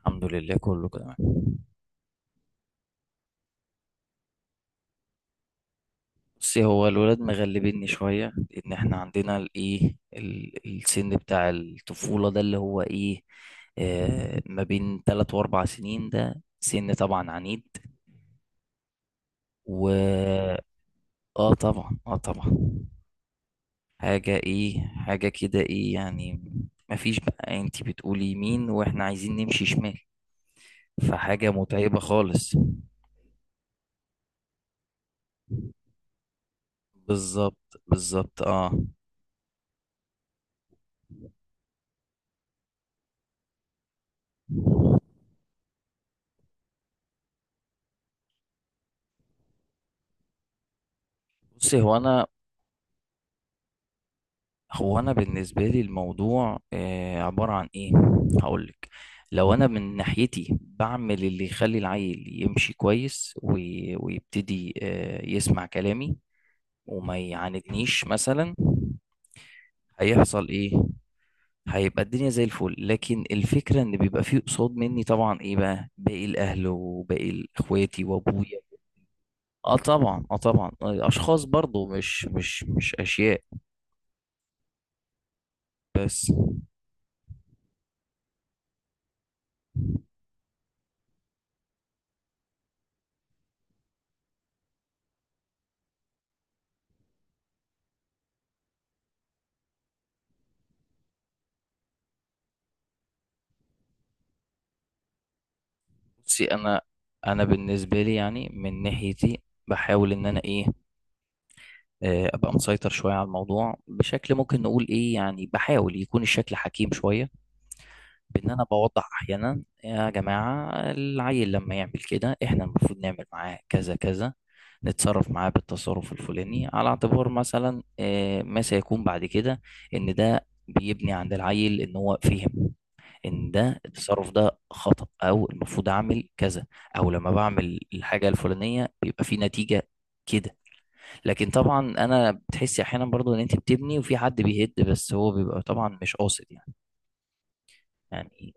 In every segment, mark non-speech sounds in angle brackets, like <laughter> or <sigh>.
الحمد لله، كله تمام. بصي، هو الولاد مغلبيني شوية لأن احنا عندنا السن بتاع الطفولة ده، اللي هو إيه آه ما بين تلات وأربع سنين، ده سن طبعا عنيد. و آه طبعا، آه طبعا. حاجة، إيه، حاجة كده، إيه يعني. مفيش بقى، أنتي بتقولي يمين وإحنا عايزين نمشي شمال، فحاجة متعبة خالص. بالظبط، بالظبط، اه. بصي، هو انا بالنسبه لي الموضوع عباره عن ايه، هقولك. لو انا من ناحيتي بعمل اللي يخلي العيل يمشي كويس ويبتدي يسمع كلامي وما يعاندنيش مثلا، هيحصل ايه؟ هيبقى الدنيا زي الفل، لكن الفكره ان بيبقى فيه قصاد مني طبعا ايه بقى، باقي الاهل وباقي اخواتي وابويا. اه طبعا، اه طبعا، اشخاص برضو مش اشياء بس. بصي، انا بالنسبه لي يعني من ناحيتي، بحاول ان انا ايه آه، ابقى مسيطر شويه على الموضوع، بشكل ممكن نقول ايه يعني، بحاول يكون الشكل حكيم شويه. بان انا بوضح احيانا، يا جماعه العيل لما يعمل كده احنا المفروض نعمل معاه كذا كذا، نتصرف معاه بالتصرف الفلاني، على اعتبار مثلا ما سيكون بعد كده. ان ده بيبني عند العيل ان هو فهم ان ده التصرف ده خطأ، او المفروض اعمل كذا، او لما بعمل الحاجة الفلانية بيبقى في نتيجة كده. لكن طبعا، انا بتحسي احيانا برضو ان انت بتبني وفي حد بيهد، بس هو بيبقى طبعا مش قاصد يعني. يعني،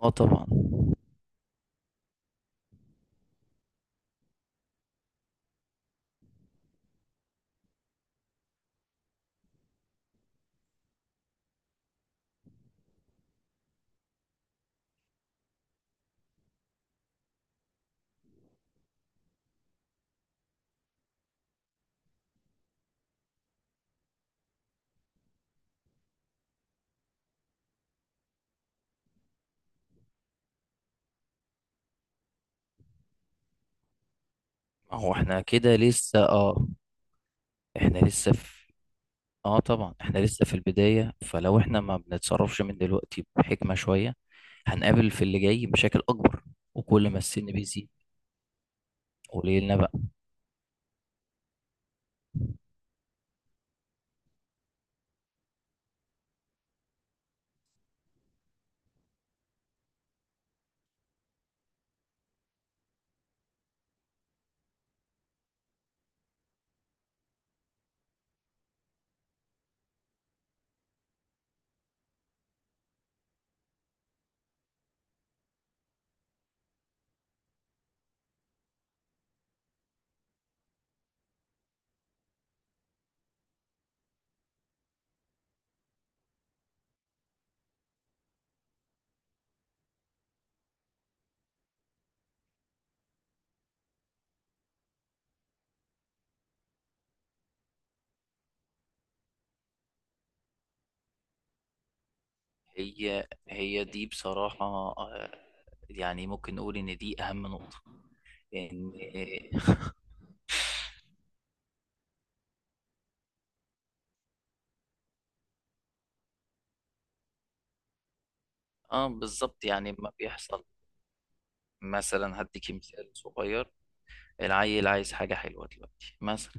اه طبعا. ما هو احنا كده لسه، اه. احنا لسه في اه طبعا، احنا لسه في البداية، فلو احنا ما بنتصرفش من دلوقتي بحكمة شوية، هنقابل في اللي جاي مشاكل اكبر، وكل ما السن بيزيد. قليلنا بقى. هي هي دي بصراحة، آه، يعني ممكن نقول إن دي أهم نقطة. إن <laughs> بالظبط، يعني ما بيحصل مثلا، هديكي مثال صغير. العيل عايز حاجة حلوة دلوقتي مثلا،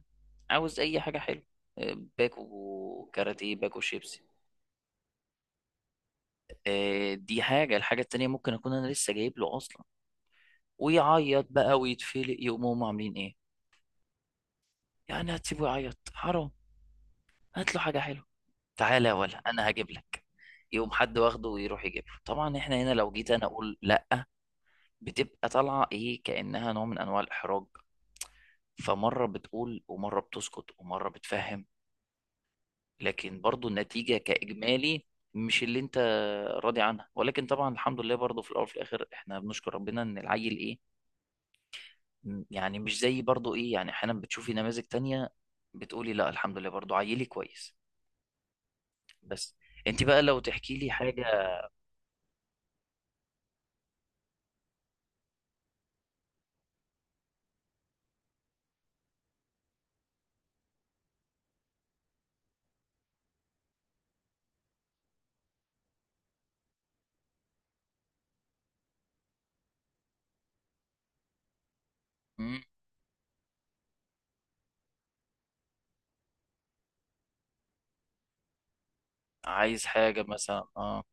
عاوز أي حاجة حلوة، باكو كاراتيه، باكو شيبسي. دي حاجة. الحاجة التانية ممكن أكون أنا لسه جايب له أصلا، ويعيط بقى ويتفلق، يقوموا هم عاملين إيه؟ يعني هتسيبه يعيط؟ حرام! هات له حاجة حلوة، تعالى يا ولا انا هجيب لك. يقوم حد واخده ويروح يجيب له، طبعا احنا هنا لو جيت انا اقول لا، بتبقى طالعه ايه كانها نوع من انواع الاحراج. فمره بتقول ومره بتسكت ومره بتفهم، لكن برضو النتيجه كاجمالي مش اللي انت راضي عنها، ولكن طبعا الحمد لله، برضو في الاول وفي الاخر احنا بنشكر ربنا ان العيل ايه، يعني مش زي برضو ايه، يعني احيانا بتشوفي نماذج تانية، بتقولي لا، الحمد لله برضو عيلي كويس. بس، انت بقى لو تحكي لي حاجه. مم، عايز حاجه مثلا اه.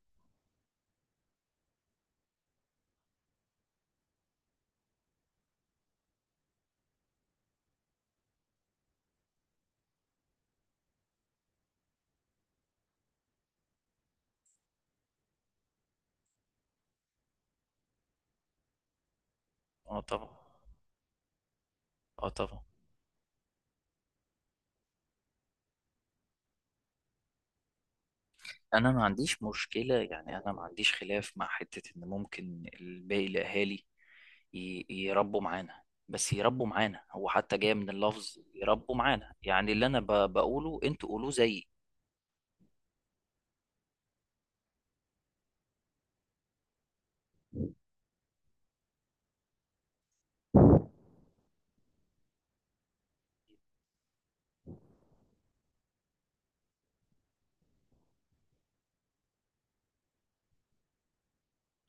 اه طبعا، اه طبعا. انا ما عنديش مشكله يعني، انا ما عنديش خلاف مع حته ان ممكن باقي الاهالي يربوا معانا. بس يربوا معانا، هو حتى جاي من اللفظ يربوا معانا، يعني اللي انا بقوله انتوا قولوه زيي.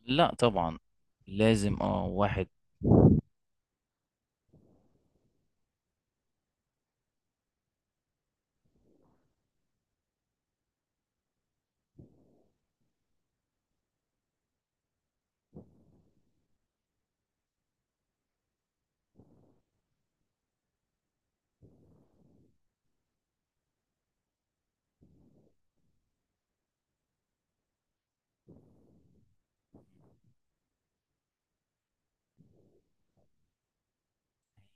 لا طبعا، لازم اه، واحد.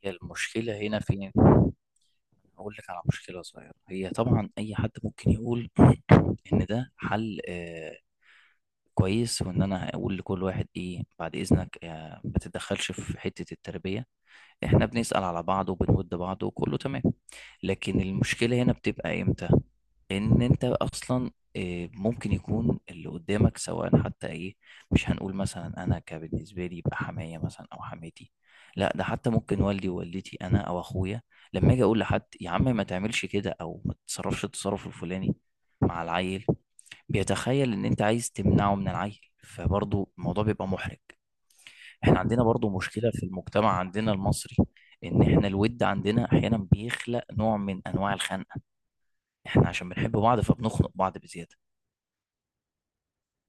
هي المشكله هنا فين؟ اقول لك على مشكله صغيره. هي طبعا اي حد ممكن يقول <clears throat> ان ده حل كويس، وان انا اقول لكل واحد ايه، بعد اذنك ما تتدخلش في حتة التربية. احنا بنسأل على بعض وبنود بعض وكله تمام، لكن المشكلة هنا بتبقى امتى؟ ان انت اصلا ممكن يكون اللي قدامك سواء، حتى ايه، مش هنقول مثلا انا كبالنسبة لي يبقى حماية مثلا او حماتي، لا ده حتى ممكن والدي ووالدتي انا او اخويا. لما اجي اقول لحد يا عم ما تعملش كده او ما تتصرفش التصرف الفلاني مع العيل، بيتخيل ان انت عايز تمنعه من العيل، فبرضه الموضوع بيبقى محرج. احنا عندنا برضه مشكلة في المجتمع عندنا المصري، ان احنا الود عندنا احيانا بيخلق نوع من انواع الخنقة، احنا عشان بنحب بعض فبنخنق بعض بزيادة.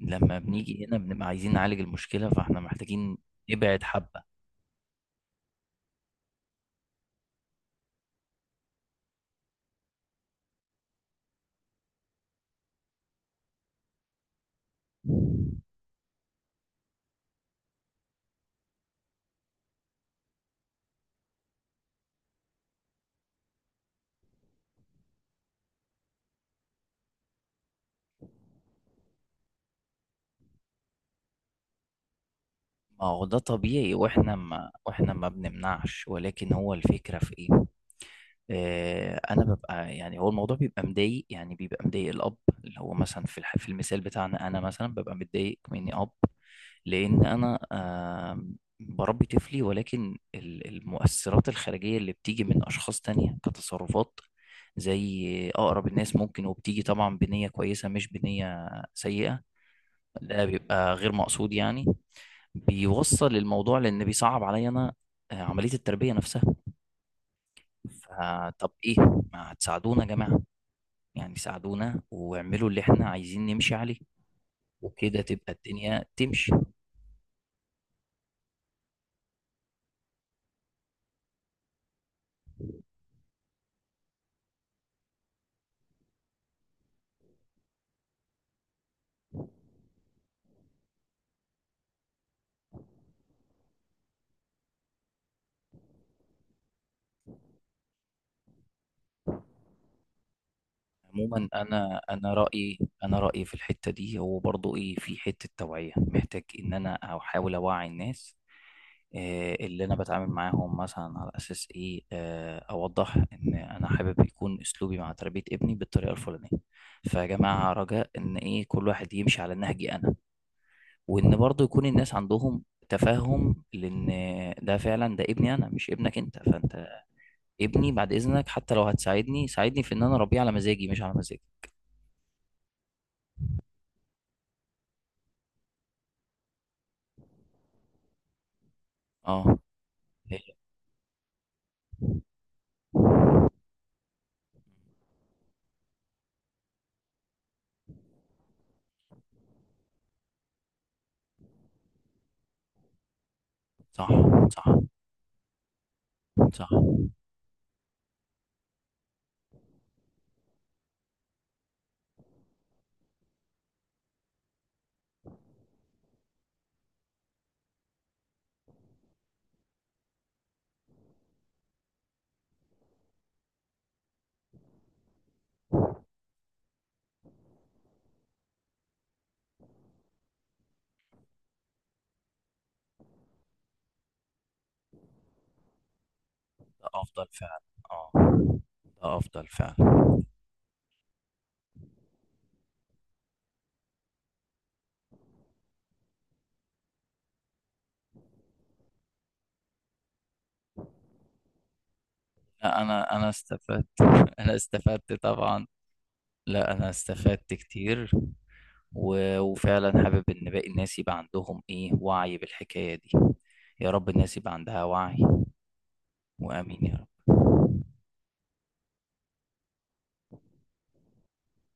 لما بنيجي هنا بنبقى عايزين نعالج المشكلة، فاحنا محتاجين نبعد حبة. ما هو ده طبيعي، واحنا ما بنمنعش، ولكن هو الفكرة في ايه، انا ببقى يعني، هو الموضوع بيبقى مضايق، يعني بيبقى مضايق الاب، اللي هو مثلا في المثال بتاعنا، انا مثلا ببقى متضايق مني اب، لان انا بربي طفلي، ولكن المؤثرات الخارجيه اللي بتيجي من اشخاص تانية كتصرفات، زي اقرب الناس ممكن، وبتيجي طبعا بنيه كويسه مش بنيه سيئه، ده بيبقى غير مقصود يعني، بيوصل الموضوع لان بيصعب عليا انا عمليه التربيه نفسها. فطب ايه، ما هتساعدونا يا جماعه، يعني ساعدونا واعملوا اللي احنا عايزين نمشي عليه، وكده تبقى الدنيا تمشي. عموما، انا رايي في الحته دي هو برضو ايه، في حته توعيه، محتاج ان انا احاول اوعي الناس، اللي انا بتعامل معاهم مثلا، على اساس ايه، اوضح ان انا حابب يكون اسلوبي مع تربيه ابني بالطريقه الفلانيه، فيا جماعه رجاء ان ايه، كل واحد يمشي على نهجي انا، وان برضو يكون الناس عندهم تفهم، لان ده فعلا ده ابني انا مش ابنك انت، فانت ابني بعد اذنك، حتى لو هتساعدني ساعدني في ان انا اربيه على مزاجي مش على مزاجي. اه، هي. صح. صح. صح، ده افضل فعلا. اه، ده افضل فعلا. لا، انا استفدت. <laughs> انا استفدت طبعا. لا انا استفدت كتير، وفعلا حابب ان باقي الناس يبقى عندهم ايه، وعي بالحكاية دي. يا رب الناس يبقى عندها وعي. وامين يا رب.